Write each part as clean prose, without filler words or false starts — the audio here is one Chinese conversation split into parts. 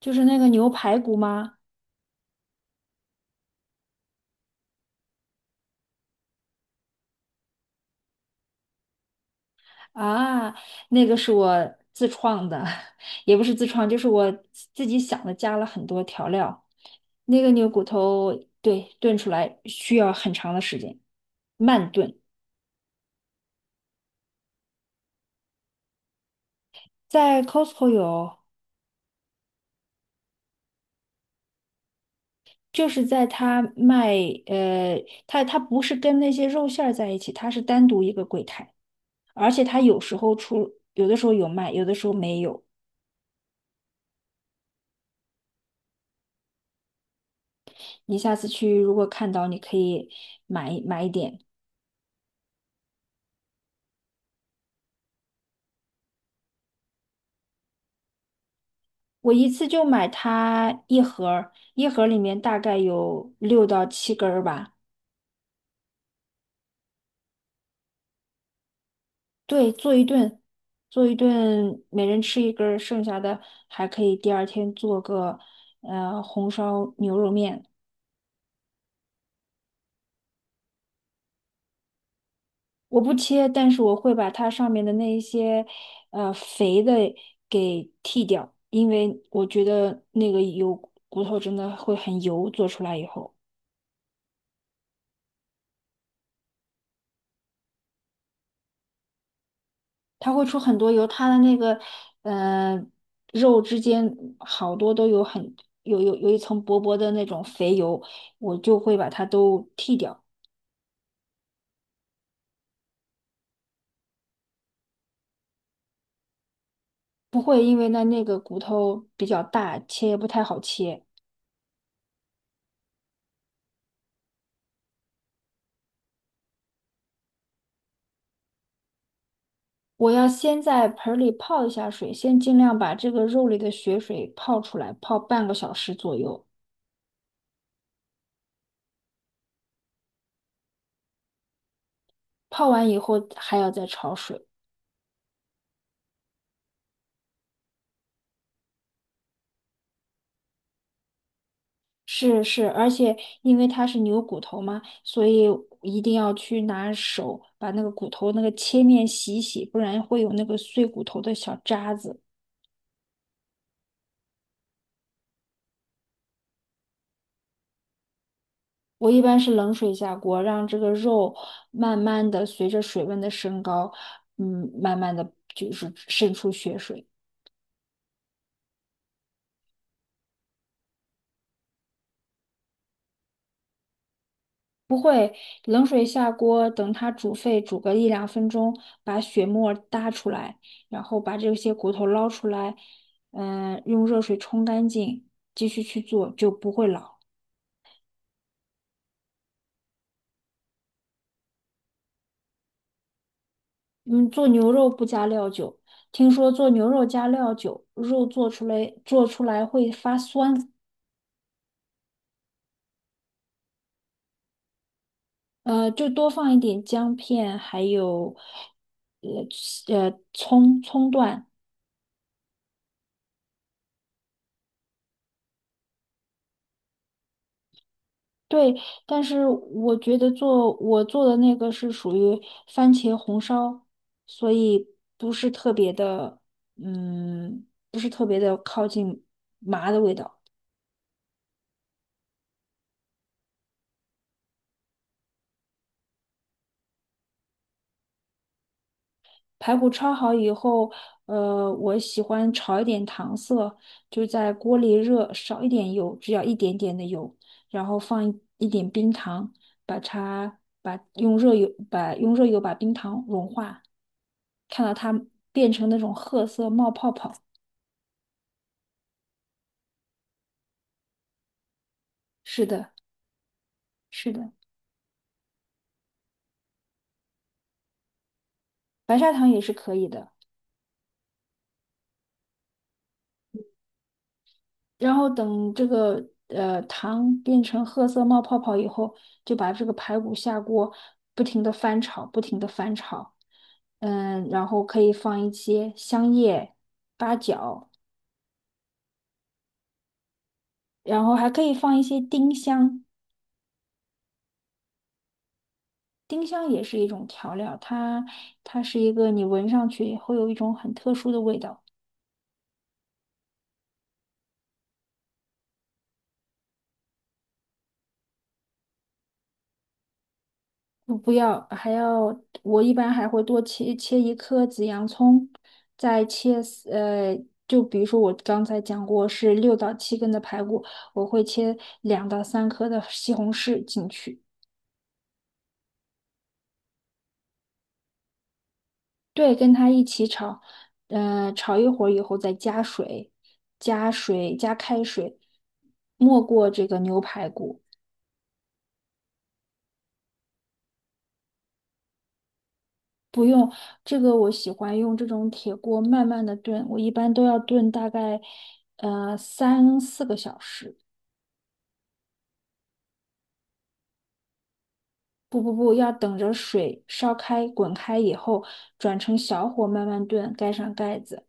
就是那个牛排骨吗？啊，那个是我自创的，也不是自创，就是我自己想的，加了很多调料。那个牛骨头，对，炖出来需要很长的时间，慢炖。在 Costco 有，就是在他卖，呃，他不是跟那些肉馅儿在一起，他是单独一个柜台，而且他有时候出，有的时候有卖，有的时候没有。你下次去如果看到，你可以买一点。我一次就买它一盒儿，一盒儿里面大概有6到7根儿吧。对，做一顿，做一顿，每人吃一根儿，剩下的还可以第二天做个红烧牛肉面。我不切，但是我会把它上面的那一些肥的给剔掉，因为我觉得那个油骨头真的会很油，做出来以后。它会出很多油，它的那个嗯，肉之间好多都有很有有有一层薄薄的那种肥油，我就会把它都剔掉，不会因为那个骨头比较大，切也不太好切。我要先在盆儿里泡一下水，先尽量把这个肉里的血水泡出来，泡半个小时左右。泡完以后还要再焯水。是是，而且因为它是牛骨头嘛，所以一定要去拿手把那个骨头那个切面洗一洗，不然会有那个碎骨头的小渣子。我一般是冷水下锅，让这个肉慢慢的随着水温的升高，慢慢的就是渗出血水。冷水下锅，等它煮沸，煮个1到2分钟，把血沫搭出来，然后把这些骨头捞出来，用热水冲干净，继续去做就不会老。嗯，做牛肉不加料酒，听说做牛肉加料酒，肉做出来会发酸，就多放一点姜片，还有呃葱段。对，但是我觉得我做的那个是属于番茄红烧，所以不是特别的，不是特别的靠近麻的味道。排骨焯好以后，我喜欢炒一点糖色，就在锅里热，少一点油，只要一点点的油，然后放一点冰糖，把它把用热油把用热油把冰糖融化，看到它变成那种褐色冒泡泡。是的，是的，白砂糖也是可以的。然后等这个糖变成褐色冒泡泡以后，就把这个排骨下锅，不停的翻炒，不停的翻炒。然后可以放一些香叶、八角，然后还可以放一些丁香。丁香也是一种调料，它是一个你闻上去会有一种很特殊的味道。不要，我一般还会多切一颗紫洋葱，再切丝就比如说我刚才讲过是六到七根的排骨，我会切2到3颗的西红柿进去，对，跟它一起炒，炒一会儿以后再加水，加水加开水，没过这个牛排骨。不用，这个我喜欢用这种铁锅慢慢的炖，我一般都要炖大概，3到4个小时。不不不，要等着水烧开、滚开以后，转成小火慢慢炖，盖上盖子。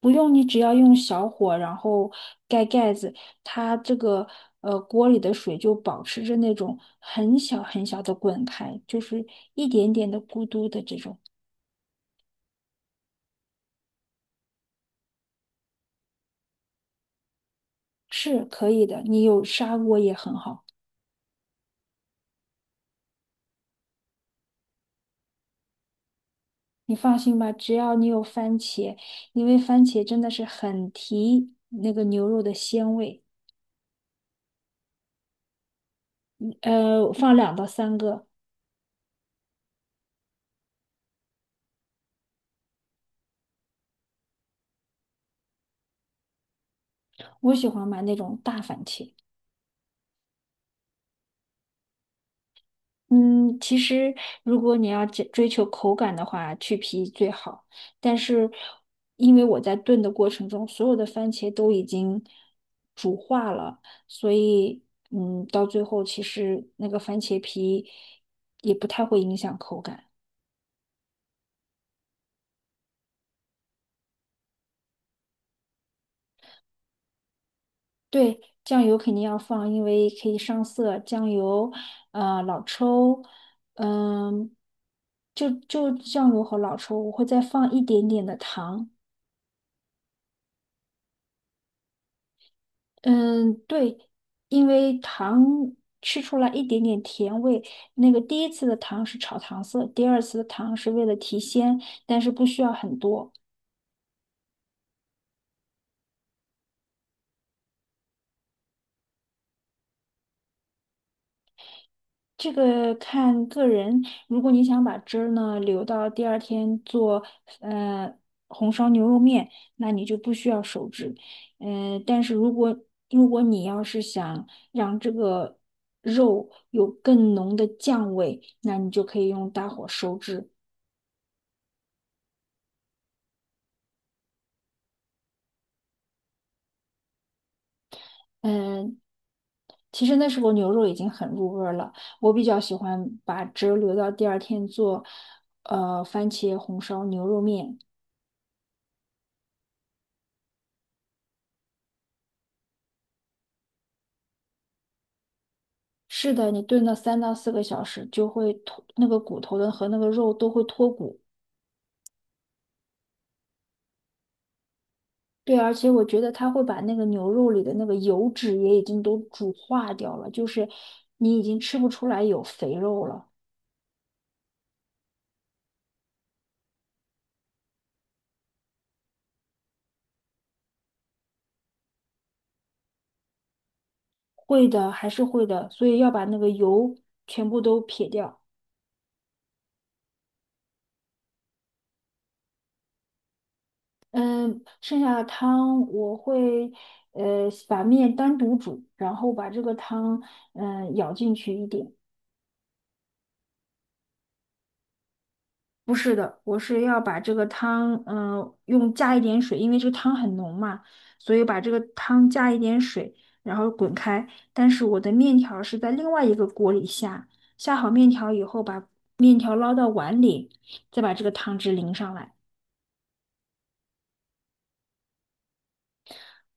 不用你只要用小火，然后盖盖子，它这个锅里的水就保持着那种很小很小的滚开，就是一点点的咕嘟的这种，是可以的。你有砂锅也很好，你放心吧，只要你有番茄，因为番茄真的是很提那个牛肉的鲜味，放2到3个。我喜欢买那种大番茄。嗯，其实如果你要追求口感的话，去皮最好。但是因为我在炖的过程中，所有的番茄都已经煮化了，所以到最后其实那个番茄皮也不太会影响口感。对，酱油肯定要放，因为可以上色。酱油，老抽，嗯，就酱油和老抽，我会再放一点点的糖。嗯，对，因为糖吃出来一点点甜味。那个第一次的糖是炒糖色，第二次的糖是为了提鲜，但是不需要很多。这个看个人，如果你想把汁儿呢留到第二天做呃红烧牛肉面，那你就不需要手汁。但是如果你要是想让这个肉有更浓的酱味，那你就可以用大火收汁。嗯、其实那时候牛肉已经很入味儿了，我比较喜欢把汁儿留到第二天做番茄红烧牛肉面。是的，你炖到3到4个小时，就会脱那个骨头的和那个肉都会脱骨。对，而且我觉得它会把那个牛肉里的那个油脂也已经都煮化掉了，就是你已经吃不出来有肥肉了。会的，还是会的，所以要把那个油全部都撇掉。嗯，剩下的汤我会把面单独煮，然后把这个汤舀进去一点，不是的，我是要把这个汤，加一点水，因为这个汤很浓嘛，所以把这个汤加一点水，然后滚开。但是我的面条是在另外一个锅里下，下好面条以后，把面条捞到碗里，再把这个汤汁淋上来，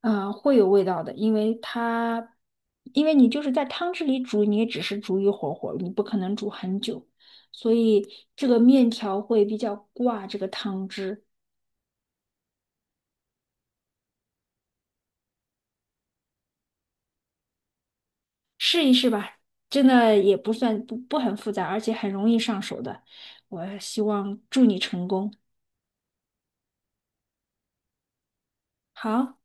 会有味道的，因为你就是在汤汁里煮，你也只是煮一会儿，你不可能煮很久，所以这个面条会比较挂这个汤汁。试一试吧，真的也不算不不很复杂，而且很容易上手的。我希望祝你成功。好。